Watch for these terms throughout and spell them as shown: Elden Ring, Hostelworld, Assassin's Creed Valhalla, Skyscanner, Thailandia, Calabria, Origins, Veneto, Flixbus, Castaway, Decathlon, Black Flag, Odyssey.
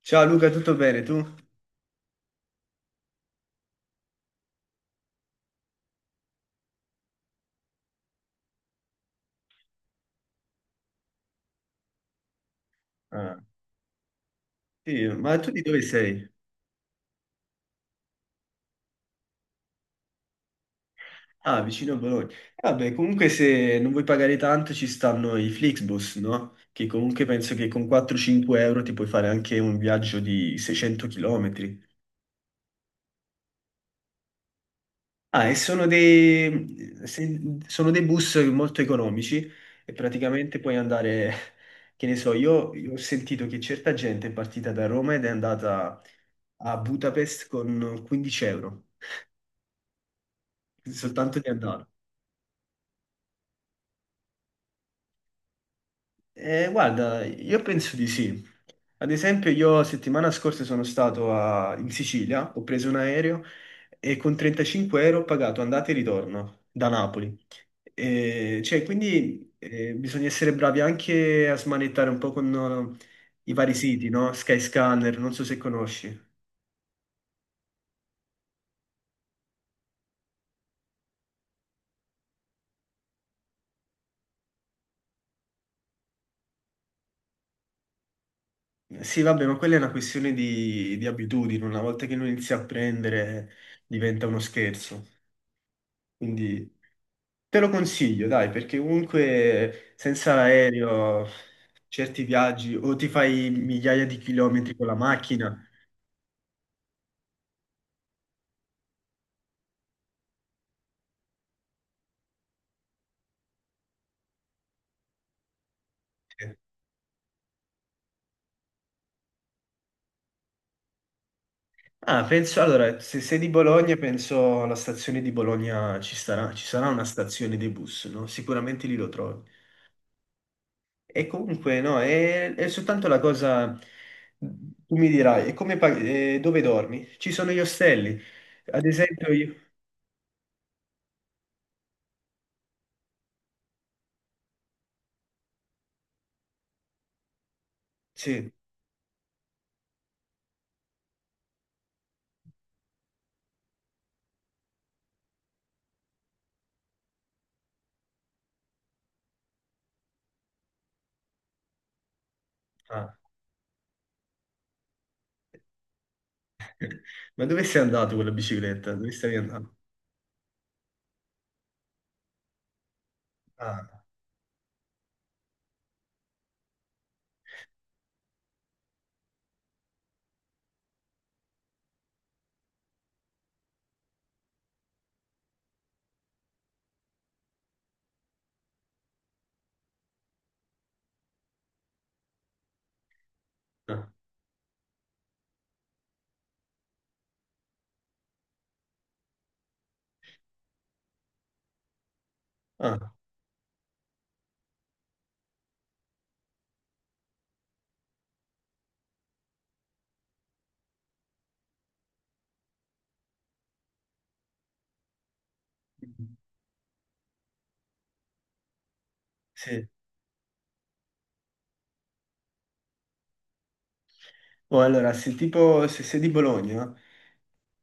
Ciao Luca, tutto bene tu? Ah, sì, ma tu di dove sei? Ah, vicino a Bologna. Vabbè, comunque se non vuoi pagare tanto ci stanno i Flixbus, no? Che comunque penso che con 4-5 € ti puoi fare anche un viaggio di 600 km. Ah, e sono dei, se- sono dei bus molto economici e praticamente puoi andare, che ne so, io ho sentito che certa gente è partita da Roma ed è andata a Budapest con 15 euro, soltanto di andata. Guarda, io penso di sì. Ad esempio, io settimana scorsa sono stato in Sicilia, ho preso un aereo e con 35 € ho pagato andata e ritorno da Napoli. Cioè, quindi bisogna essere bravi anche a smanettare un po' con i vari siti, no? Skyscanner, non so se conosci. Sì, vabbè, ma quella è una questione di abitudini. Una volta che lo inizi a prendere, diventa uno scherzo. Quindi. Te lo consiglio, dai, perché comunque senza l'aereo certi viaggi o ti fai migliaia di chilometri con la macchina. Ah, penso, allora, se sei di Bologna, penso alla stazione di Bologna ci sarà una stazione dei bus, no? Sicuramente lì lo trovi. E comunque, no, è soltanto la cosa, tu mi dirai, e dove dormi? Ci sono gli ostelli. Ad esempio io. Sì, ah. Ma dove sei andato con la bicicletta? Dove stavi andando? Ah. No. Ah, sì. Oh, allora, se tipo se sei di Bologna,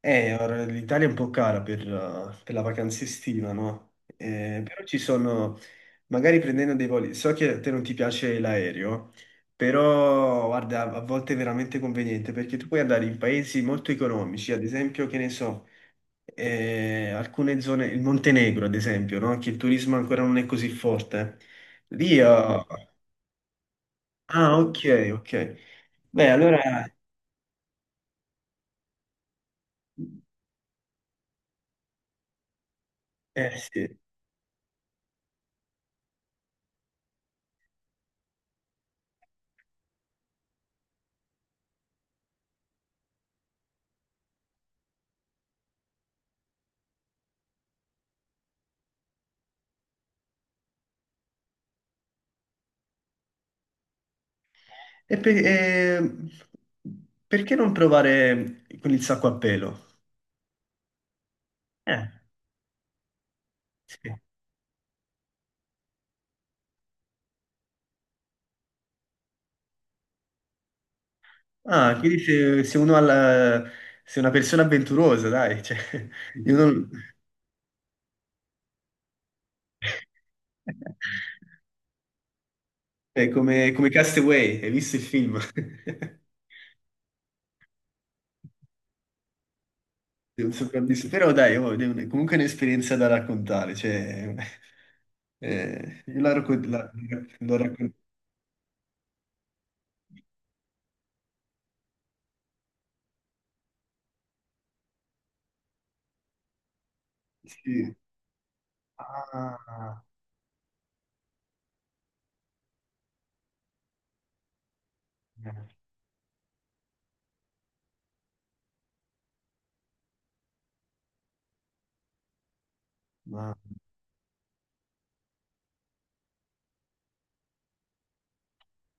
ora l'Italia è un po' cara per la vacanza estiva, no? Però ci sono, magari prendendo dei voli, so che a te non ti piace l'aereo, però guarda, a volte è veramente conveniente perché tu puoi andare in paesi molto economici, ad esempio, che ne so, alcune zone, il Montenegro, ad esempio, no? Che il turismo ancora non è così forte. Lì, ok, ok. Beh, allora. Eh sì. E per- eh, Perché non provare con il sacco a pelo? Eh, sì. Ah, quindi se uno ha se è una persona avventurosa, dai, cioè, io non- è come, come Castaway, hai visto il film? È un sopravvissuto. Però dai, oh, comunque è un'esperienza da raccontare, cioè, io la, racco- la- la racconto. Sì. Ah, eh, mamma.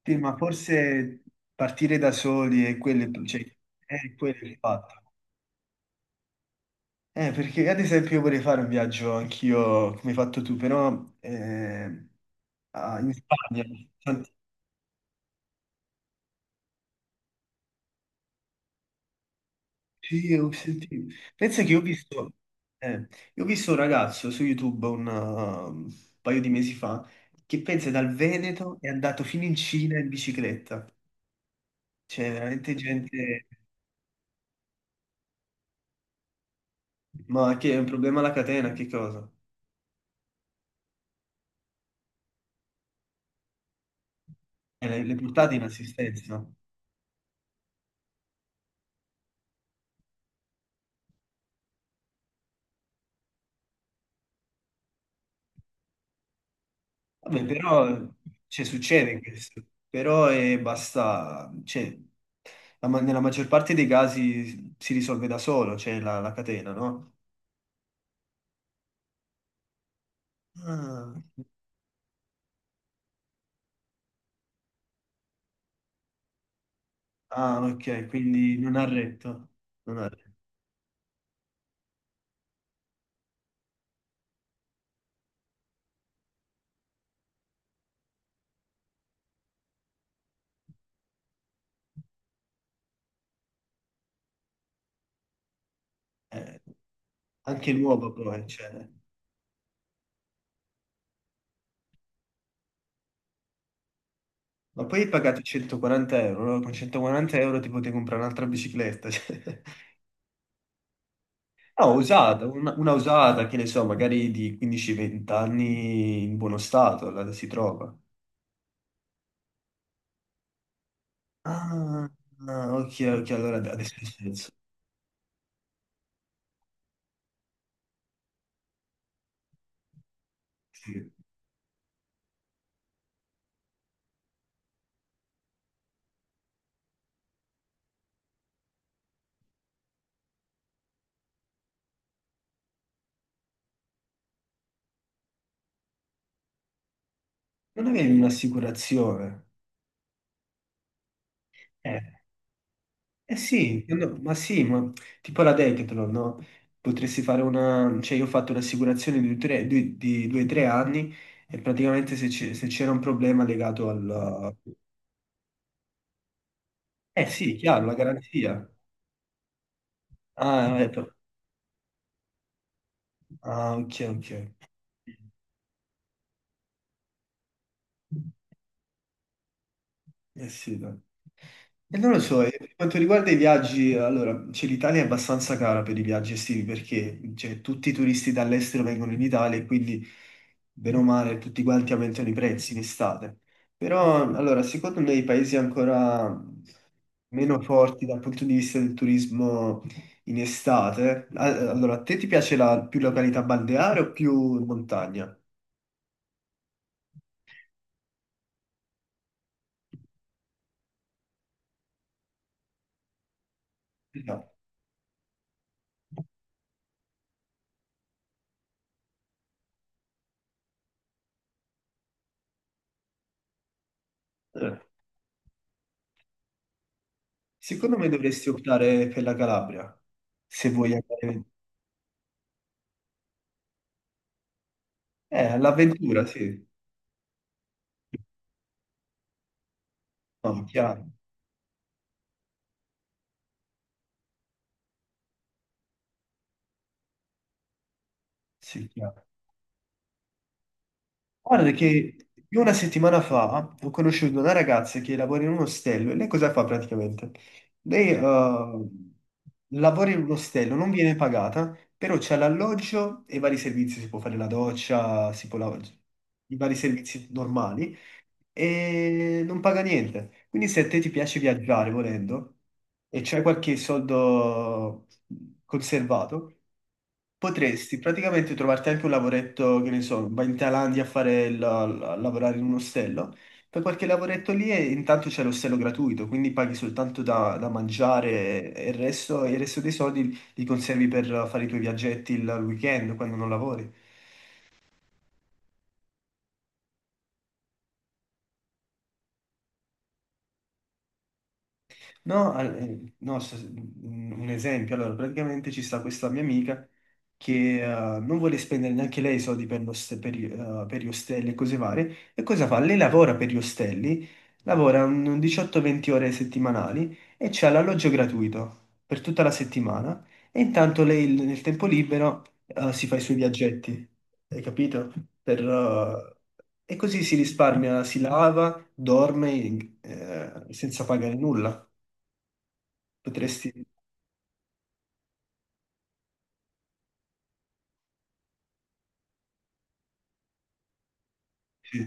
Sì, ma forse partire da soli è quello, cioè, è quello il fatto. Perché ad esempio vorrei fare un viaggio anch'io, come hai fatto tu, però in Spagna. Tanti- Sì, ho sentito. Pensa che eh, io ho visto un ragazzo su YouTube un paio di mesi fa che pensa dal Veneto è andato fino in Cina in bicicletta. C'è veramente gente. Ma che è un problema alla catena, che cosa? Le portate in assistenza. Vabbè, però cioè, succede questo, però è basta, cioè, nella maggior parte dei casi si risolve da solo, cioè la catena, no? Ah, ah, ok, quindi non ha retto, non ha retto. Eh, anche l'uovo poi, cioè. Ma poi hai pagato 140 euro, no? Con 140 € ti potevi comprare un'altra bicicletta, cioè. No, usata, una usata, che ne so, magari di 15-20 anni in buono stato, la si trova. Ah, ah, ok, ok, allora adesso ha senso. Sì. Non avevi un'assicurazione? Eh, eh sì, no, ma sì, ma tipo la Decathlon, no? Potresti fare una. Cioè io ho fatto un'assicurazione di 2 o 3 anni e praticamente se c'era un problema legato al. Eh sì, chiaro, la garanzia. Ah, ecco. Ah, ok, ok. Eh sì, dai. E non lo so, e per quanto riguarda i viaggi, allora, cioè, l'Italia è abbastanza cara per i viaggi estivi perché cioè, tutti i turisti dall'estero vengono in Italia e quindi, bene o male, tutti quanti aumentano i prezzi in estate. Però, allora, secondo me i paesi ancora meno forti dal punto di vista del turismo in estate, allora, a te ti piace più località balneare o più montagna? No. Eh. Secondo me dovresti optare per la Calabria, se vuoi andare. All'avventura, sì. No, chiaro, sì, chiaro. Guarda che io una settimana fa ho conosciuto una ragazza che lavora in un ostello e lei cosa fa praticamente? Lei lavora in un ostello, non viene pagata, però c'è l'alloggio e vari servizi, si può fare la doccia, si può lavare, i vari servizi normali. E non paga niente. Quindi se a te ti piace viaggiare volendo e c'hai qualche soldo conservato, potresti praticamente trovarti anche un lavoretto, che ne so, vai in Thailandia a fare a lavorare in un ostello. Fai qualche lavoretto lì e intanto c'è l'ostello gratuito, quindi paghi soltanto da mangiare e il resto dei soldi li conservi per fare i tuoi viaggetti il weekend quando non lavori. No, no, un esempio, allora praticamente ci sta questa mia amica che non vuole spendere neanche lei soldi per, per, per gli ostelli e cose varie, e cosa fa? Lei lavora per gli ostelli, lavora un 18-20 ore settimanali e c'ha l'alloggio gratuito per tutta la settimana e intanto lei nel tempo libero si fa i suoi viaggetti, hai capito? Per, eh, e così si risparmia, si lava, dorme senza pagare nulla. Potresti. Sì,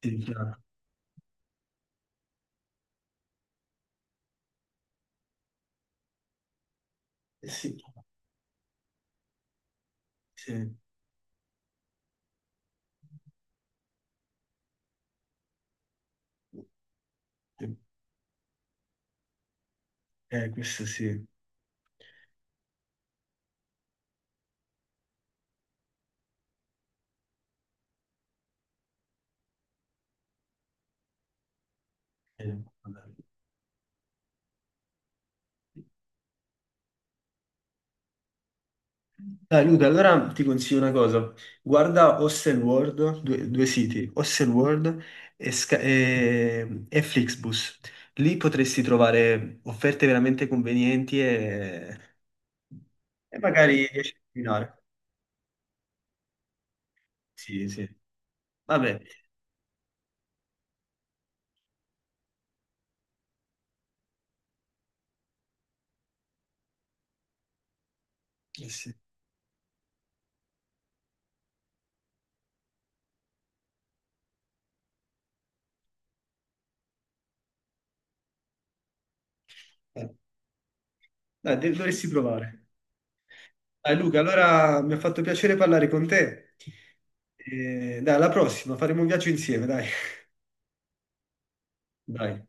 sì, chiaro. Eh sì, sì, sì. Questo sì. Vabbè. Dai, Luca, allora ti consiglio una cosa. Guarda Hostelworld, due, due siti, Hostelworld e, e Flixbus. Lì potresti trovare offerte veramente convenienti e magari riesci a combinare. Sì, sì. Vabbè. Eh sì. Eh. Dai, dovresti provare. Dai Luca, allora mi ha fatto piacere parlare con te. E, dai, alla prossima, faremo un viaggio insieme, dai. Dai.